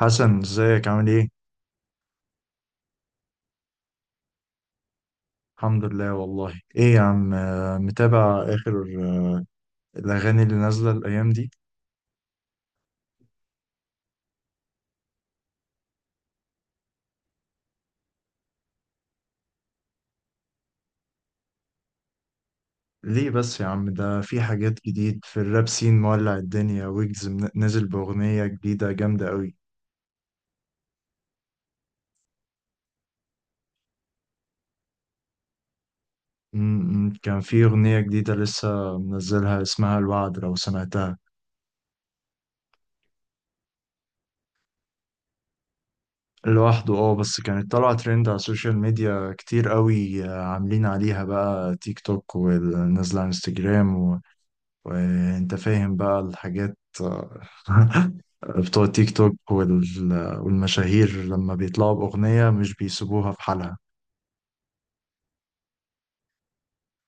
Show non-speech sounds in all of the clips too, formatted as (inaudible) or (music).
حسن ازيك عامل ايه؟ الحمد لله. والله ايه يا عم، متابع اخر الاغاني اللي نازلة الايام دي. ليه بس يا عم، ده في حاجات جديد في الراب سين مولع الدنيا، ويجز نزل باغنية جديدة جامدة قوي. م- م، كان في اغنية جديدة لسه منزلها اسمها الوعد لو سمعتها. لوحده اه، بس كانت طالعة ترند على السوشيال ميديا كتير قوي، عاملين عليها بقى تيك توك ونازلة على انستجرام، وانت فاهم بقى الحاجات (laughs) بتوع تيك توك والمشاهير، لما بيطلعوا بأغنية مش بيسيبوها في حالها.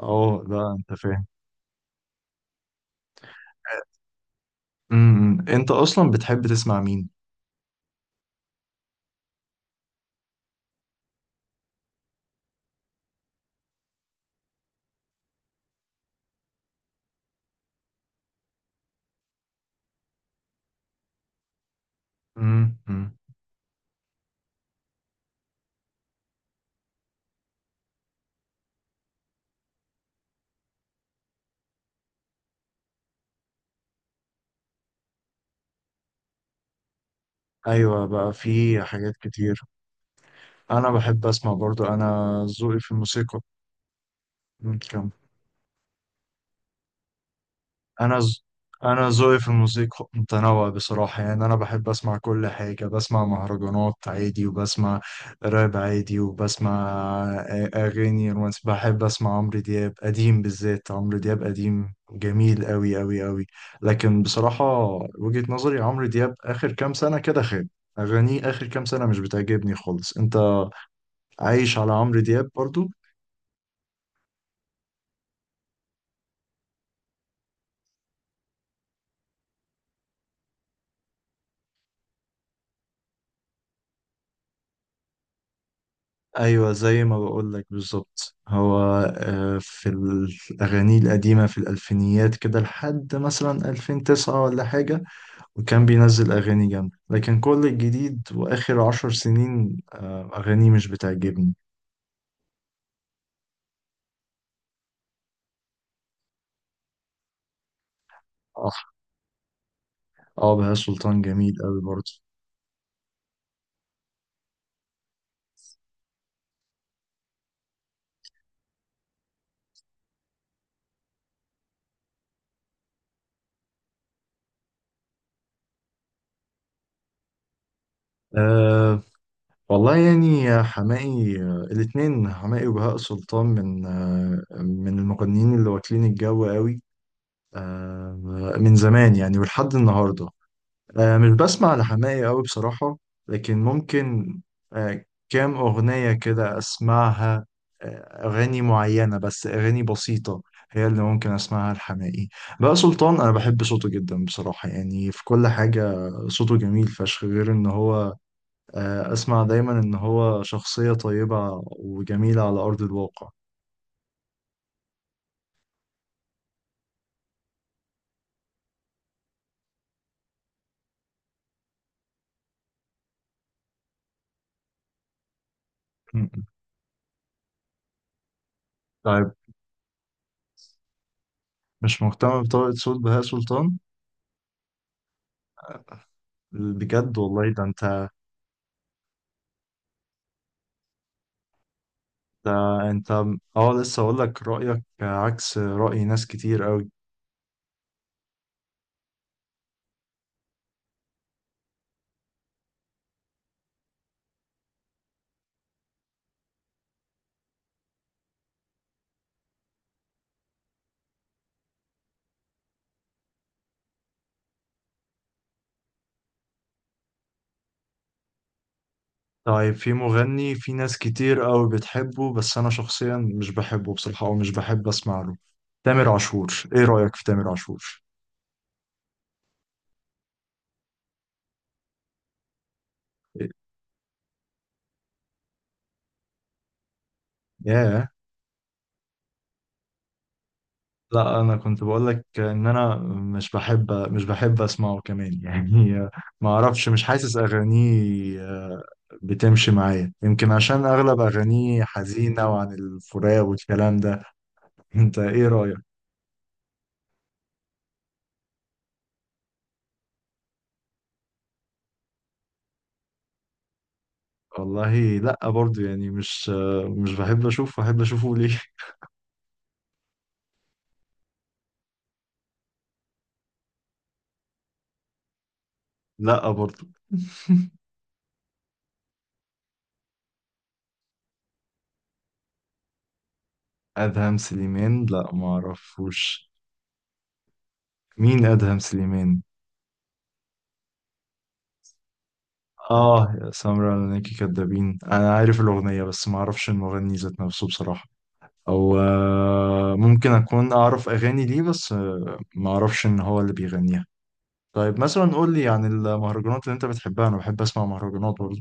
اه لا، انت فاهم. امم، انت اصلا بتحب تسمع مين؟ امم، ايوه بقى في حاجات كتير. انا بحب اسمع برضو، انا ذوقي في الموسيقى مم. كم انا ز... انا ذوقي في الموسيقى متنوع بصراحه، يعني انا بحب اسمع كل حاجه. بسمع مهرجانات عادي، وبسمع راب عادي، وبسمع اغاني رومانسي. بحب اسمع عمرو دياب قديم، بالذات عمرو دياب قديم جميل قوي قوي قوي. لكن بصراحه، وجهه نظري، عمرو دياب اخر كام سنه كده خاب. اغانيه اخر كام سنه مش بتعجبني خالص. انت عايش على عمرو دياب برضو؟ ايوه، زي ما بقول لك بالظبط. هو في الاغاني القديمه، في الالفينيات كده، لحد مثلا 2009 ولا حاجه، وكان بينزل اغاني جامده. لكن كل الجديد واخر 10 سنين، اغاني مش بتعجبني. اه. اه، بهاء سلطان جميل قوي برضه. أه، والله يعني، يا حماقي، الاتنين حماقي وبهاء سلطان من من المغنيين اللي واكلين الجو قوي. أه، من زمان يعني، ولحد النهارده مش بسمع لحماقي أوي بصراحة. لكن ممكن كام أغنية كده أسمعها، أغاني معينة بس، أغاني بسيطة هي اللي ممكن أسمعها لحماقي. بقى سلطان، أنا بحب صوته جدا بصراحة، يعني في كل حاجة صوته جميل فشخ، غير إن هو أسمع دايما إن هو شخصية طيبة وجميلة على أرض الواقع. م- م. طيب. مش مهتم بطبقة صوت بهاء سلطان، بجد والله؟ ده انت اه، لسه اقول لك، رأيك عكس رأي ناس كتير قوي. طيب، في مغني، في ناس كتير قوي بتحبه، بس انا شخصيا مش بحبه بصراحة، او مش بحب اسمع له: تامر عاشور. ايه رأيك في تامر عاشور؟ ياه. لا، انا كنت بقول لك ان انا مش بحب اسمعه كمان يعني. (laughs) ما اعرفش، مش حاسس اغانيه بتمشي معايا، يمكن عشان اغلب اغانيه حزينة وعن الفراق والكلام ده. (laughs) انت ايه رأيك؟ والله لا برضو، يعني مش بحب اشوفه. احب اشوفه ليه؟ لا برضو. (laughs) ادهم سليمان؟ لا، ما اعرفوش. مين ادهم سليمان؟ اه، يا سمرة لناكي كدابين. انا عارف الاغنيه، بس ما اعرفش المغني ذات نفسه بصراحه، او ممكن اكون اعرف اغاني ليه، بس ما اعرفش ان هو اللي بيغنيها. طيب، مثلا قول لي عن المهرجانات اللي انت بتحبها. انا بحب اسمع مهرجانات برضه.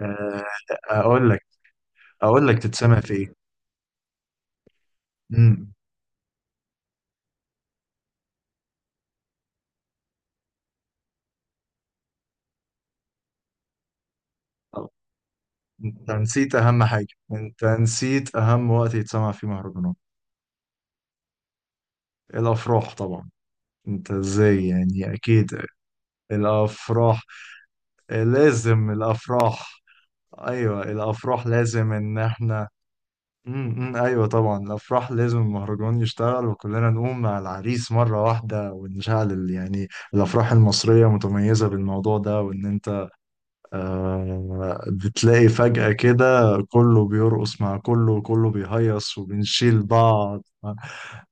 آه، اقول لك اقول لك تتسمع في ايه. امم. انت نسيت اهم حاجة، انت نسيت اهم وقت يتسمع فيه مهرجانات: الافراح طبعا. انت ازاي؟ يعني اكيد الافراح، لازم الافراح. ايوه الافراح، لازم ان احنا. امم، ايوه طبعا، الافراح لازم المهرجان يشتغل، وكلنا نقوم مع العريس مرة واحدة ونشعل يعني الافراح المصرية متميزة بالموضوع ده. وان انت بتلاقي فجأة كده كله بيرقص مع كله، وكله بيهيص وبنشيل بعض.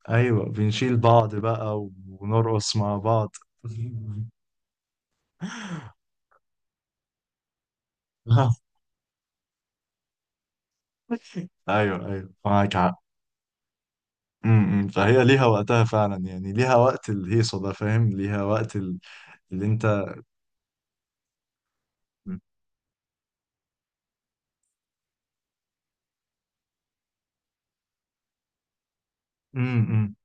أيوة، بنشيل بعض بقى ونرقص مع بعض. (laughs) أيوة أيوة، معاك حق. م- م. فهي ليها وقتها فعلا، يعني ليها وقت الهيصة ده، فاهم؟ ليها وقت اللي أنت. امم،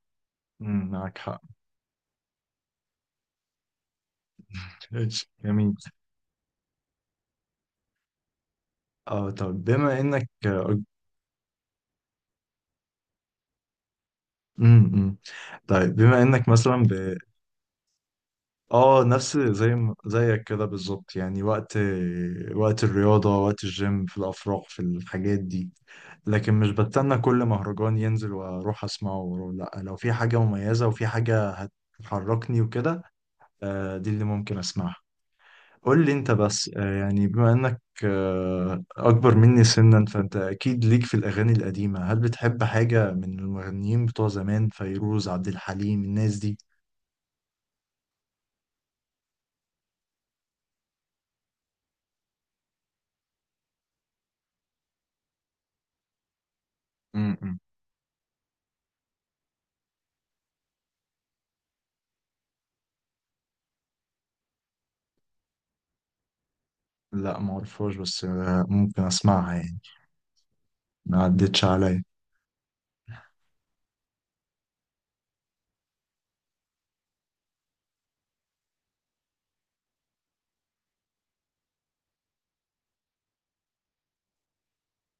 امم، معك حق. ماشي، جميل. اه طب، بما انك إمم. طيب، بما انك مثلا، اه، نفس زي زيك كده بالظبط، يعني وقت الرياضة، وقت الجيم، في الأفراح، في الحاجات دي. لكن مش بستنى كل مهرجان ينزل وأروح أسمعه وأروح، لأ، لو في حاجة مميزة وفي حاجة هتحركني وكده، دي اللي ممكن أسمعها. قول لي أنت بس، يعني بما إنك أكبر مني سنا، فأنت أكيد ليك في الأغاني القديمة. هل بتحب حاجة من المغنيين بتوع زمان، فيروز، عبد الحليم، الناس دي؟ لا، معرفهاش، بس ممكن اسمعها يعني. ما عدتش عليا.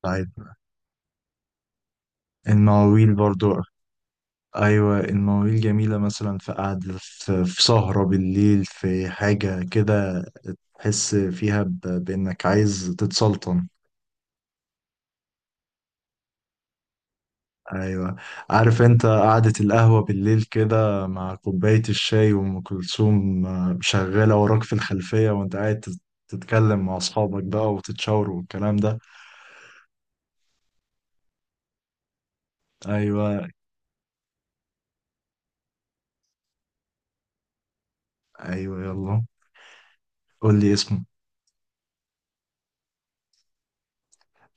طيب، المواويل برضو؟ ايوه، المواويل جميله، مثلا في قعده، في سهره بالليل، في حاجه كده تحس فيها بانك عايز تتسلطن. ايوه. عارف انت، قعده القهوه بالليل كده، مع كوبايه الشاي، وام كلثوم شغاله وراك في الخلفيه، وانت قاعد تتكلم مع اصحابك بقى وتتشاوروا والكلام ده. ايوه، ايوه يلا، قول لي اسمه.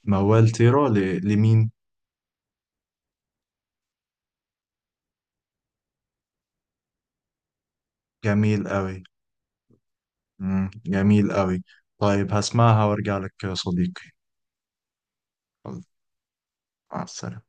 موال طيرة لمين؟ جميل قوي. مم. جميل قوي. طيب، هسمعها وارجع لك يا صديقي. مع السلامة.